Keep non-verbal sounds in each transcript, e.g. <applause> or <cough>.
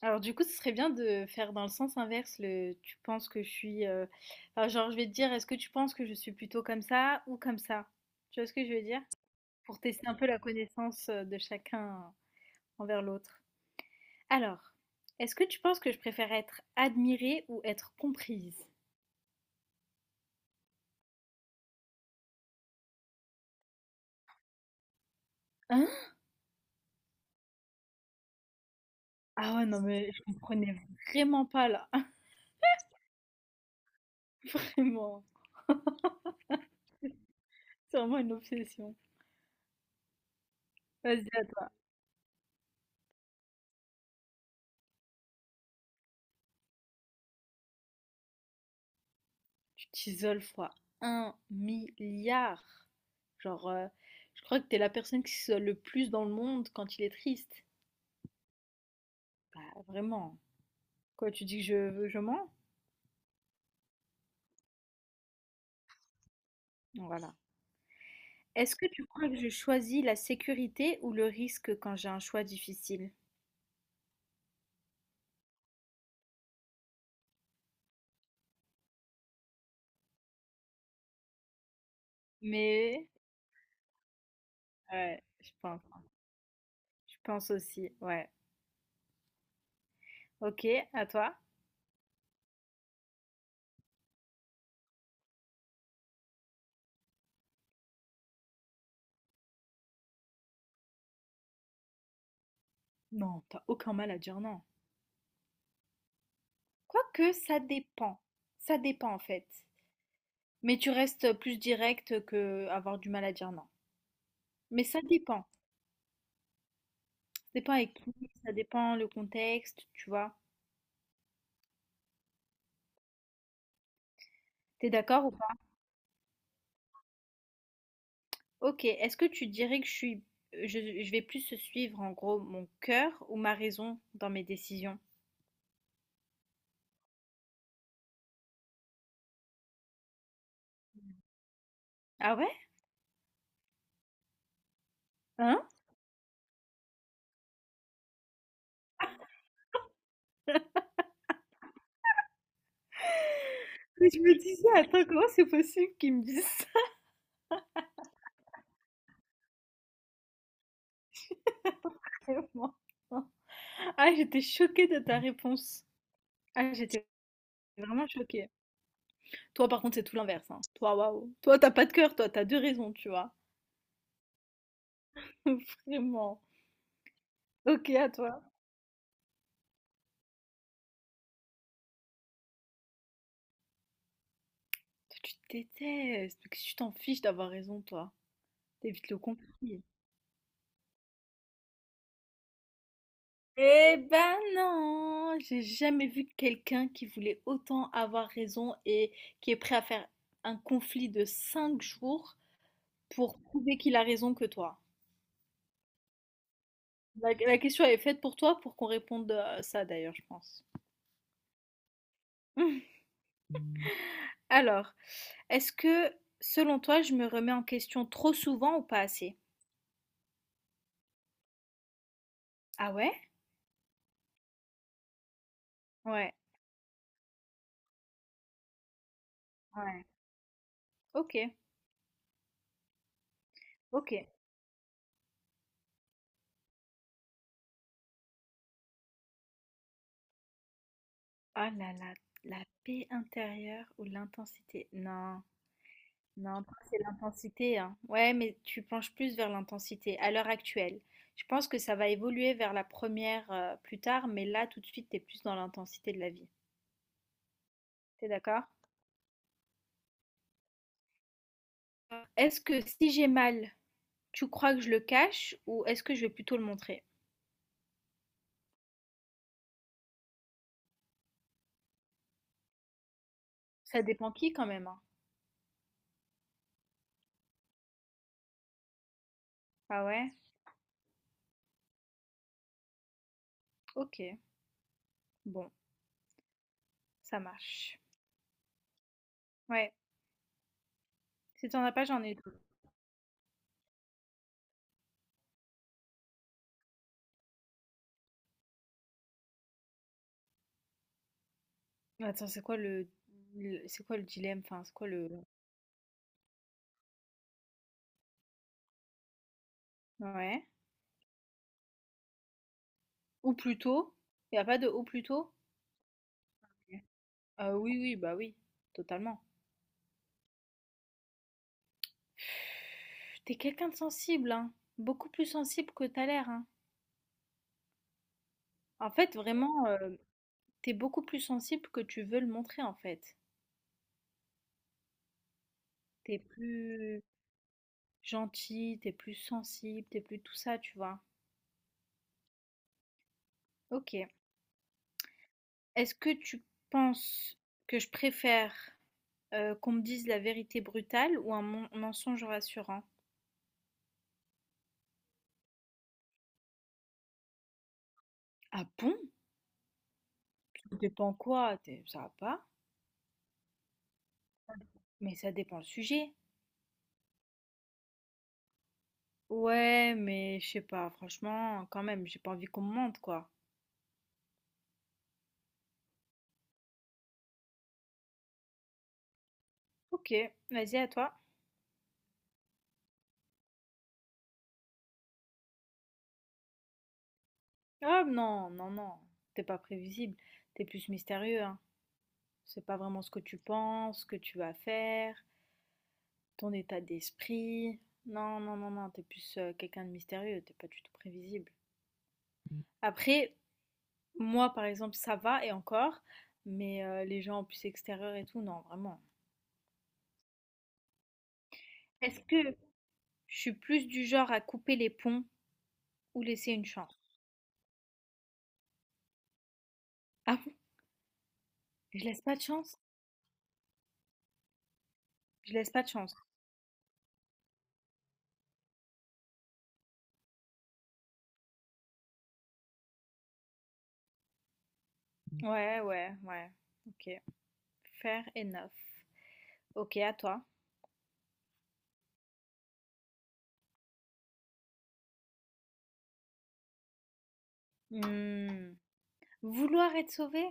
Alors du coup, ce serait bien de faire dans le sens inverse, le tu penses que je suis genre je vais te dire est-ce que tu penses que je suis plutôt comme ça ou comme ça? Tu vois ce que je veux dire? Pour tester un peu la connaissance de chacun envers l'autre. Alors, est-ce que tu penses que je préfère être admirée ou être comprise? Hein? Ah ouais, non mais je comprenais vraiment pas là, <laughs> vraiment. C'est vraiment une obsession. Vas-y, à toi. Tu t'isoles fois un milliard. Genre, je crois que t'es la personne qui s'isole le plus dans le monde quand il est triste. Bah, vraiment. Quoi, tu dis que je mens? Voilà. Est-ce que tu crois que je choisis la sécurité ou le risque quand j'ai un choix difficile? Mais, ouais, je pense. Je pense aussi, ouais. Ok, à toi? Non, t'as aucun mal à dire non. Quoique, ça dépend. Ça dépend en fait. Mais tu restes plus direct que avoir du mal à dire non. Mais ça dépend. Ça dépend avec qui, ça dépend le contexte, tu vois. T'es d'accord ou pas? Ok, est-ce que tu dirais que je vais plus suivre en gros mon cœur ou ma raison dans mes décisions? Ah ouais? Hein? <laughs> Je me disais, attends, comment c'est possible qu'ils me disent ça? <laughs> Vraiment. Ah, j'étais choquée de ta réponse. Ah, j'étais vraiment choquée. Toi, par contre, c'est tout l'inverse, hein. Toi, waouh. Toi, t'as pas de cœur, toi, t'as deux raisons, tu vois. <laughs> Vraiment. Ok, à toi. Toi, tu te détestes, mais qu'est-ce que tu t'en fiches d'avoir raison, toi. T'es vite le compris. Eh ben non, j'ai jamais vu quelqu'un qui voulait autant avoir raison et qui est prêt à faire un conflit de 5 jours pour prouver qu'il a raison que toi. La question est faite pour toi pour qu'on réponde à ça d'ailleurs, je pense. <laughs> Alors, est-ce que selon toi, je me remets en question trop souvent ou pas assez? Ah ouais? Ouais, ouais. Ok, ok. Ah là là, la paix intérieure ou l'intensité? Non, non, toi, c'est l'intensité, hein. Ouais, mais tu penches plus vers l'intensité à l'heure actuelle. Je pense que ça va évoluer vers la première plus tard, mais là, tout de suite, t'es plus dans l'intensité de la vie. T'es d'accord? Est-ce que si j'ai mal, tu crois que je le cache ou est-ce que je vais plutôt le montrer? Ça dépend qui quand même, hein. Ah ouais? Ok, bon, ça marche. Ouais, si t'en as pas, j'en ai deux. Attends, c'est quoi c'est quoi le dilemme? Enfin, c'est quoi le... Ouais. Ou plutôt? Il y a pas de ou plutôt? OK. Oui, oui, oui, totalement. T'es quelqu'un de sensible, hein, beaucoup plus sensible que t'as l'air, hein. En fait, vraiment, tu beaucoup plus sensible que tu veux le montrer, en fait. T'es plus gentil, t'es plus sensible, t'es plus tout ça, tu vois? OK. Est-ce que tu penses que je préfère, qu'on me dise la vérité brutale ou un mon mensonge rassurant? Ah bon? Ça dépend quoi? Tu ça va pas, mais ça dépend le sujet. Ouais, mais je sais pas, franchement, quand même, j'ai pas envie qu'on me mente, quoi. Ok, vas-y à toi. Ah non, non, non, t'es pas prévisible, t'es plus mystérieux, hein. C'est pas vraiment ce que tu penses, ce que tu vas faire, ton état d'esprit. Non, non, non, non, t'es plus quelqu'un de mystérieux, t'es pas du tout prévisible. Après, moi, par exemple, ça va et encore, mais les gens plus extérieurs et tout, non, vraiment. Est-ce que je suis plus du genre à couper les ponts ou laisser une chance? Ah bon? Je laisse pas de chance? Je laisse pas de chance. Ouais, ouais, ouais. OK. Fair enough. OK, à toi. Hmm. Vouloir être sauvé?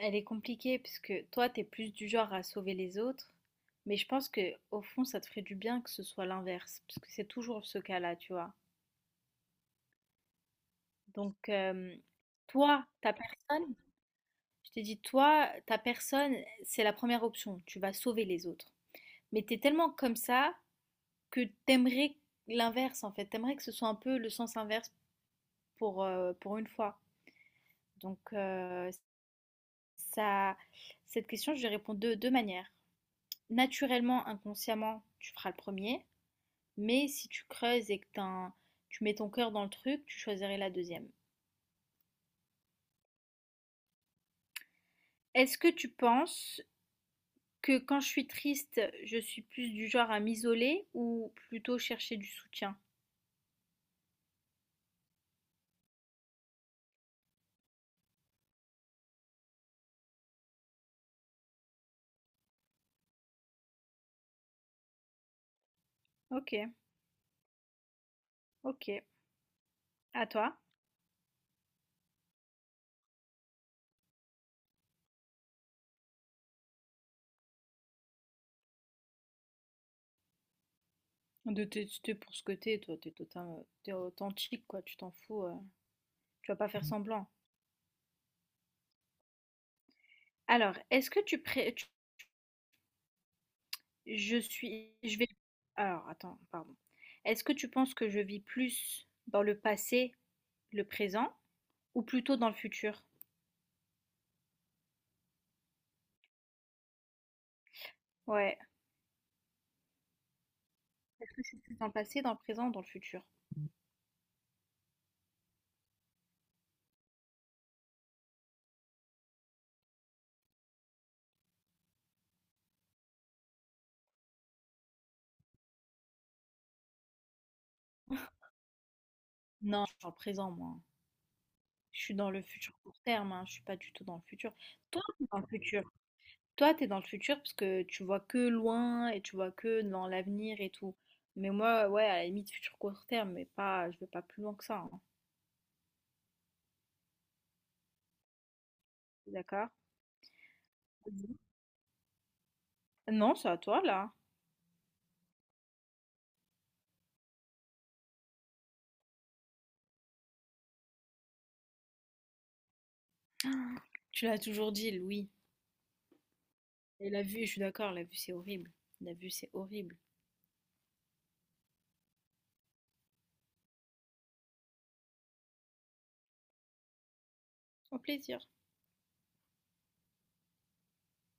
Elle est compliquée parce que toi, t'es plus du genre à sauver les autres. Mais je pense que au fond, ça te ferait du bien que ce soit l'inverse, parce que c'est toujours ce cas-là, tu vois. Donc toi, ta personne, je t'ai dit, toi, ta personne, c'est la première option. Tu vas sauver les autres. Mais t'es tellement comme ça que t'aimerais l'inverse, en fait. T'aimerais que ce soit un peu le sens inverse pour une fois. Donc, ça, cette question, je lui réponds de deux manières. Naturellement, inconsciemment, tu feras le premier, mais si tu creuses et que tu mets ton cœur dans le truc, tu choisirais la deuxième. Est-ce que tu penses que quand je suis triste, je suis plus du genre à m'isoler ou plutôt chercher du soutien? Ok, ok. À toi? De t'es pour ce que t'es, toi, t'es authentique, quoi, tu t'en fous, tu vas pas faire semblant. Alors, est-ce que tu, pré- tu Je suis, je vais. Alors, attends, pardon. Est-ce que tu penses que je vis plus dans le passé, le présent, ou plutôt dans le futur? Ouais. Est-ce que je suis plus dans le passé, dans le présent, ou dans le futur? Non, je suis dans le présent, moi. Je suis dans le futur court terme, hein. Je suis pas du tout dans le futur. Toi, t'es dans le futur. Toi, t'es dans le futur parce que tu vois que loin et tu vois que dans l'avenir et tout. Mais moi, ouais, à la limite, futur court terme, mais pas, je veux pas plus loin que ça, hein. D'accord? Vas-y. Non, c'est à toi, là. Tu l'as toujours dit, Louis. Et la vue, je suis d'accord, la vue c'est horrible. La vue c'est horrible. Au plaisir.